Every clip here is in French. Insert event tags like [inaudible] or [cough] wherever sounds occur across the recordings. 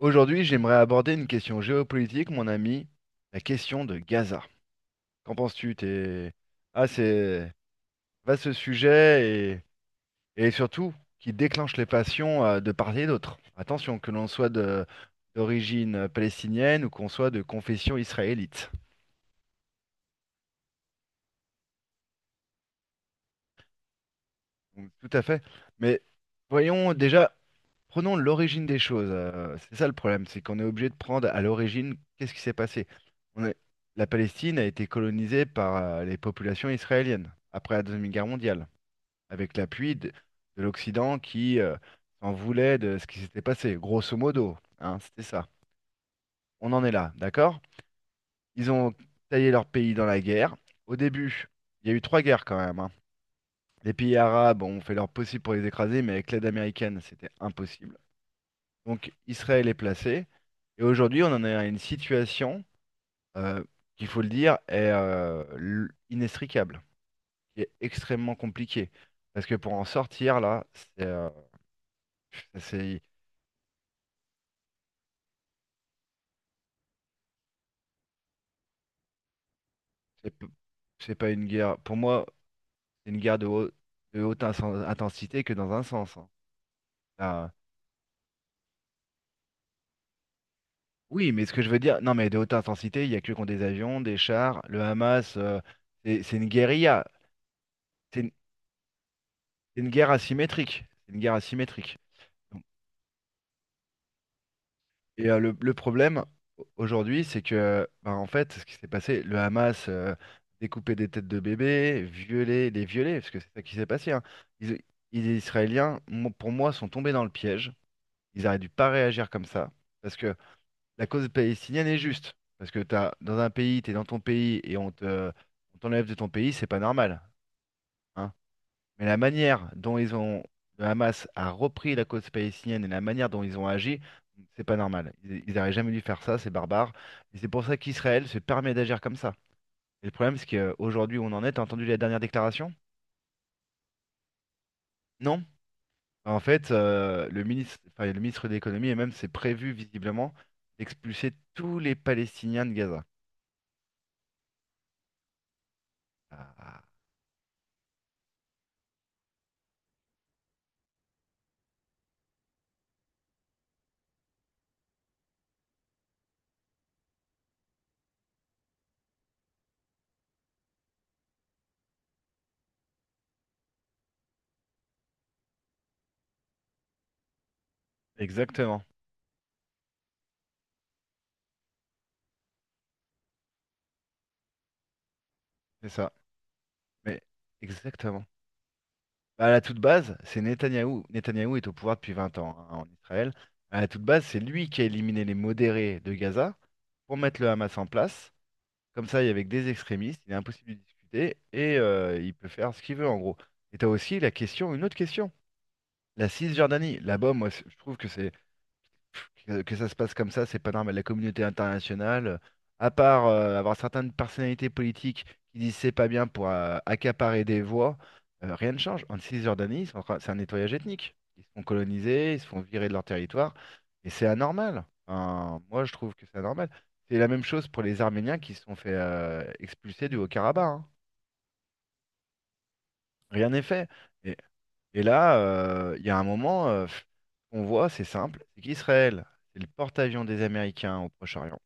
Aujourd'hui, j'aimerais aborder une question géopolitique, mon ami, la question de Gaza. Qu'en penses-tu? Ah, c'est vaste sujet et surtout qui déclenche les passions de part et d'autre. Attention, que l'on soit d'origine palestinienne ou qu'on soit de confession israélite. Donc, tout à fait. Mais voyons déjà, prenons l'origine des choses. C'est ça le problème, c'est qu'on est obligé de prendre à l'origine qu'est-ce qui s'est passé. On est- La Palestine a été colonisée par les populations israéliennes après la Deuxième Guerre mondiale, avec l'appui de l'Occident qui s'en voulait de ce qui s'était passé, grosso modo, hein, c'était ça. On en est là, d'accord? Ils ont taillé leur pays dans la guerre. Au début, il y a eu trois guerres quand même, hein. Les pays arabes ont fait leur possible pour les écraser, mais avec l'aide américaine, c'était impossible. Donc Israël est placé. Et aujourd'hui, on en est à une situation euh, qu'il faut le dire est inextricable, qui est extrêmement compliquée. Parce que pour en sortir, là, c'est euh, c'est- c'est p- c'est pas une guerre. Pour moi, c'est une guerre de haute intensité que dans un sens, hein. Là, oui, mais ce que je veux dire, non, mais de haute intensité, il y a que contre des avions, des chars, le Hamas, c'est une guérilla. C'est une, c'est une guerre asymétrique. C'est une guerre asymétrique. Et le problème aujourd'hui, c'est que, bah, en fait, ce qui s'est passé, le Hamas découpait des têtes de bébés, violait, les violait, parce que c'est ça qui s'est passé, hein. Ils- les Israéliens, pour moi, sont tombés dans le piège. Ils auraient dû pas réagir comme ça, parce que la cause palestinienne est juste. Parce que t'as, dans un pays, tu es dans ton pays et on te, on t'enlève de ton pays, c'est pas normal, hein. Mais la manière dont ils ont, le Hamas a repris la cause palestinienne et la manière dont ils ont agi, c'est pas normal. Ils auraient jamais dû faire ça, c'est barbare. Et c'est pour ça qu'Israël se permet d'agir comme ça. Et le problème, c'est qu'aujourd'hui, on en est. T'as entendu la dernière déclaration? Non? En fait, le ministre, enfin, le ministre de l'économie et même c'est prévu visiblement d'expulser tous les Palestiniens de Gaza. Ah, exactement, c'est ça. Mais exactement. Bah, à la toute base, c'est Netanyahou. Netanyahou est au pouvoir depuis 20 ans, hein, en Israël. À la toute base, c'est lui qui a éliminé les modérés de Gaza pour mettre le Hamas en place. Comme ça, il y avait que des extrémistes, il est impossible de discuter et il peut faire ce qu'il veut en gros. Et tu as aussi la question, une autre question, la Cisjordanie. Là-bas, moi, je trouve que c'est que ça se passe comme ça, c'est pas normal. La communauté internationale, à part avoir certaines personnalités politiques qui disent c'est pas bien pour accaparer des voix, rien ne change. En Cisjordanie, ils sont en train- c'est un nettoyage ethnique. Ils se font coloniser, ils se font virer de leur territoire, et c'est anormal. Enfin, moi, je trouve que c'est anormal. C'est la même chose pour les Arméniens qui se sont fait expulser du Haut-Karabakh, hein. Rien n'est fait. Et là, il y a un moment, on voit, c'est simple, c'est qu'Israël, c'est le porte-avions des Américains au Proche-Orient.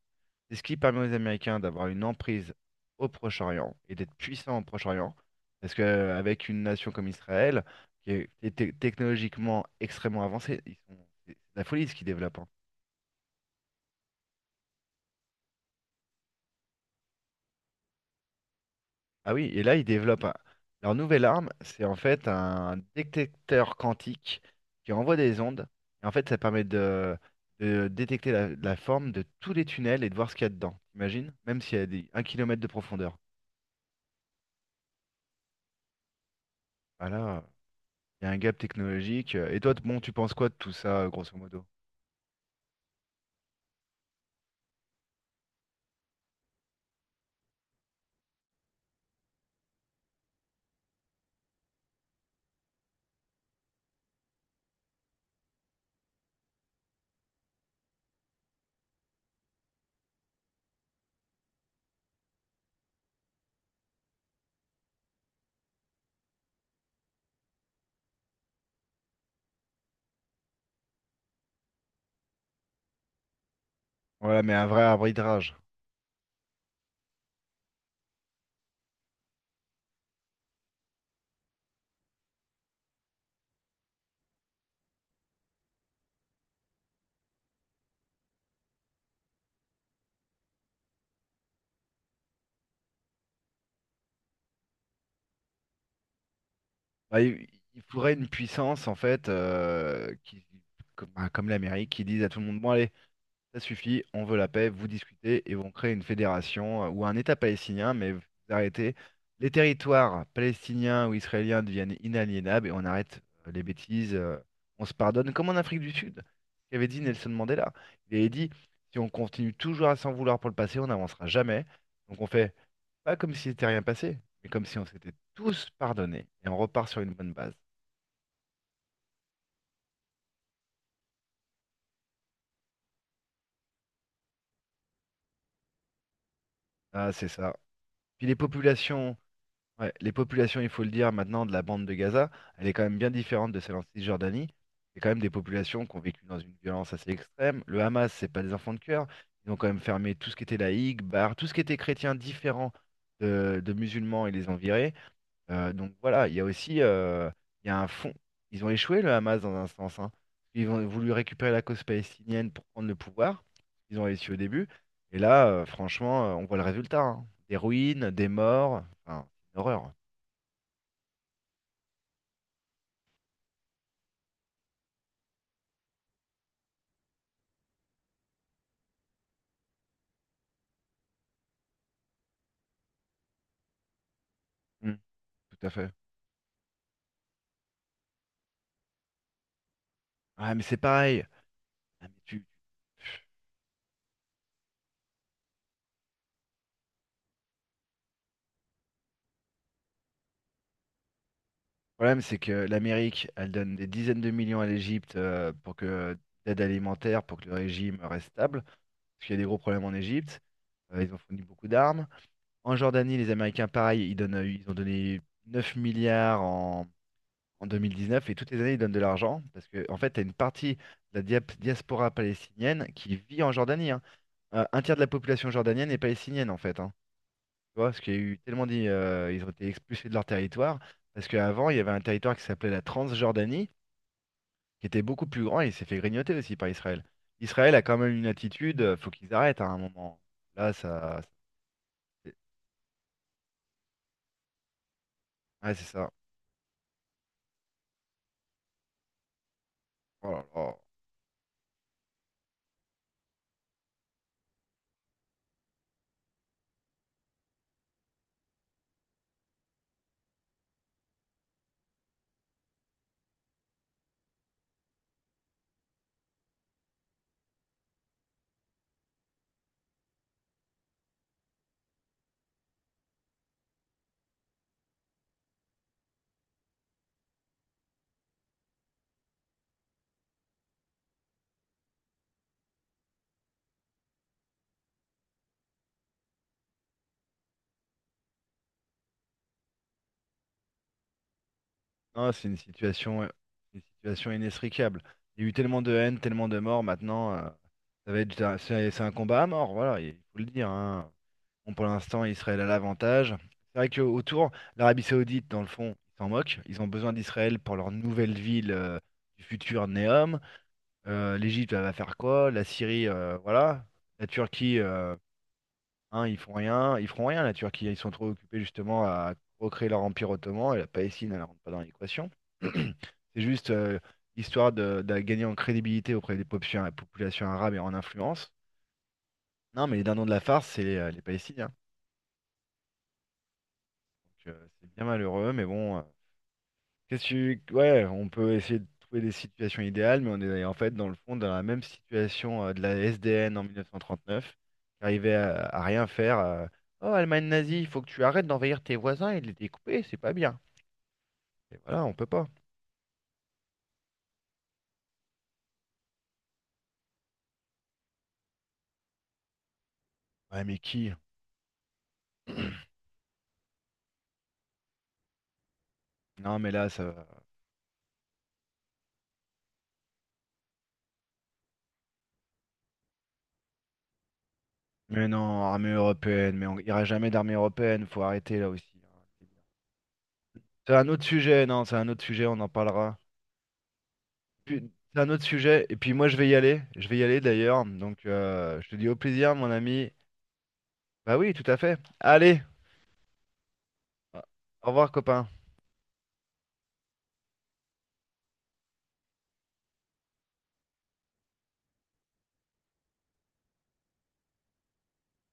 C'est ce qui permet aux Américains d'avoir une emprise au Proche-Orient et d'être puissants au Proche-Orient. Parce qu'avec une nation comme Israël, qui est technologiquement extrêmement avancée, ils sont- c'est de la folie ce qu'ils développent, hein. Ah oui, et là, ils développent leur nouvelle arme, c'est en fait un détecteur quantique qui envoie des ondes. Et en fait, ça permet de détecter la forme de tous les tunnels et de voir ce qu'il y a dedans. T'imagines? Même s'il y a 1 kilomètre de profondeur. Voilà, il y a un gap technologique. Et toi, bon, tu penses quoi de tout ça, grosso modo? Voilà, mais un vrai arbitrage. Bah, il faudrait une puissance, en fait, qui, comme, bah, comme l'Amérique, qui dise à tout le monde, bon, allez, ça suffit, on veut la paix, vous discutez et vont créer une fédération ou un État palestinien, mais vous arrêtez. Les territoires palestiniens ou israéliens deviennent inaliénables et on arrête les bêtises, on se pardonne, comme en Afrique du Sud, qu'avait dit Nelson Mandela. Il avait dit, si on continue toujours à s'en vouloir pour le passé, on n'avancera jamais. Donc on fait pas comme s'il n'était rien passé, mais comme si on s'était tous pardonnés et on repart sur une bonne base. Ah, c'est ça. Puis les populations. Ouais, les populations, il faut le dire, maintenant de la bande de Gaza, elle est quand même bien différente de celle en Cisjordanie. C'est quand même des populations qui ont vécu dans une violence assez extrême. Le Hamas, c'est pas des enfants de cœur. Ils ont quand même fermé tout ce qui était laïque, bar, tout ce qui était chrétien différent de musulmans, ils les ont virés. Donc voilà, il y a aussi il y a un fond. Ils ont échoué, le Hamas, dans un sens, hein. Ils ont voulu récupérer la cause palestinienne pour prendre le pouvoir. Ils ont réussi au début. Et là, franchement, on voit le résultat, hein. Des ruines, des morts. Enfin, c'est une horreur. Mm, tout à fait. Ah, mais c'est pareil. Ah, mais le problème, c'est que l'Amérique, elle donne des dizaines de millions à l'Égypte pour que d'aide alimentaire pour que le régime reste stable, parce qu'il y a des gros problèmes en Égypte. Ils ont fourni beaucoup d'armes. En Jordanie, les Américains, pareil, ils donnent, ils ont donné 9 milliards en 2019 et toutes les années, ils donnent de l'argent parce que, en fait, tu as une partie de la diaspora palestinienne qui vit en Jordanie, hein. Un tiers de la population jordanienne est palestinienne, en fait, hein. Tu vois, parce qu'il y a eu tellement dit, ils ont été expulsés de leur territoire, parce qu'avant, il y avait un territoire qui s'appelait la Transjordanie, qui était beaucoup plus grand, et il s'est fait grignoter aussi par Israël. Israël a quand même une attitude, faut qu'ils arrêtent, hein, à un moment. Là, ça. c'est- Ouais, c'est ça. Oh là là. Non, c'est une situation inextricable. Il y a eu tellement de haine, tellement de morts, maintenant, ça va être. C'est un combat à mort, voilà, il faut le dire, hein. Bon, pour l'instant, Israël a l'avantage. C'est vrai qu'autour, l'Arabie Saoudite, dans le fond, ils s'en moquent. Ils ont besoin d'Israël pour leur nouvelle ville du futur Neom. L'Égypte, elle va faire quoi? La Syrie, voilà. La Turquie, hein, ils font rien. Ils feront rien, la Turquie. Ils sont trop occupés justement à recréer leur empire ottoman. Et la Palestine, elle rentre pas dans l'équation. [clears throat] C'est juste histoire de gagner en crédibilité auprès des populations, populations arabes et en influence. Non, mais les dindons de la farce, c'est les Palestiniens. Donc, c'est bien malheureux, mais bon, qu'est-ce que ouais, on peut essayer de trouver des situations idéales, mais on est en fait dans le fond dans la même situation de la SDN en 1939, qui arrivait à rien faire. Oh, Allemagne nazie, il faut que tu arrêtes d'envahir tes voisins et de les découper, c'est pas bien. Et voilà, on peut pas. Ouais, mais qui? Non, mais là, ça va. Mais non, armée européenne, mais on ira jamais d'armée européenne, faut arrêter là aussi, hein. C'est un autre sujet, non, c'est un autre sujet, on en parlera. Puis, c'est un autre sujet. Et puis moi, je vais y aller. Je vais y aller d'ailleurs. Donc, je te dis au plaisir, mon ami. Bah oui, tout à fait. Allez, au revoir, copain.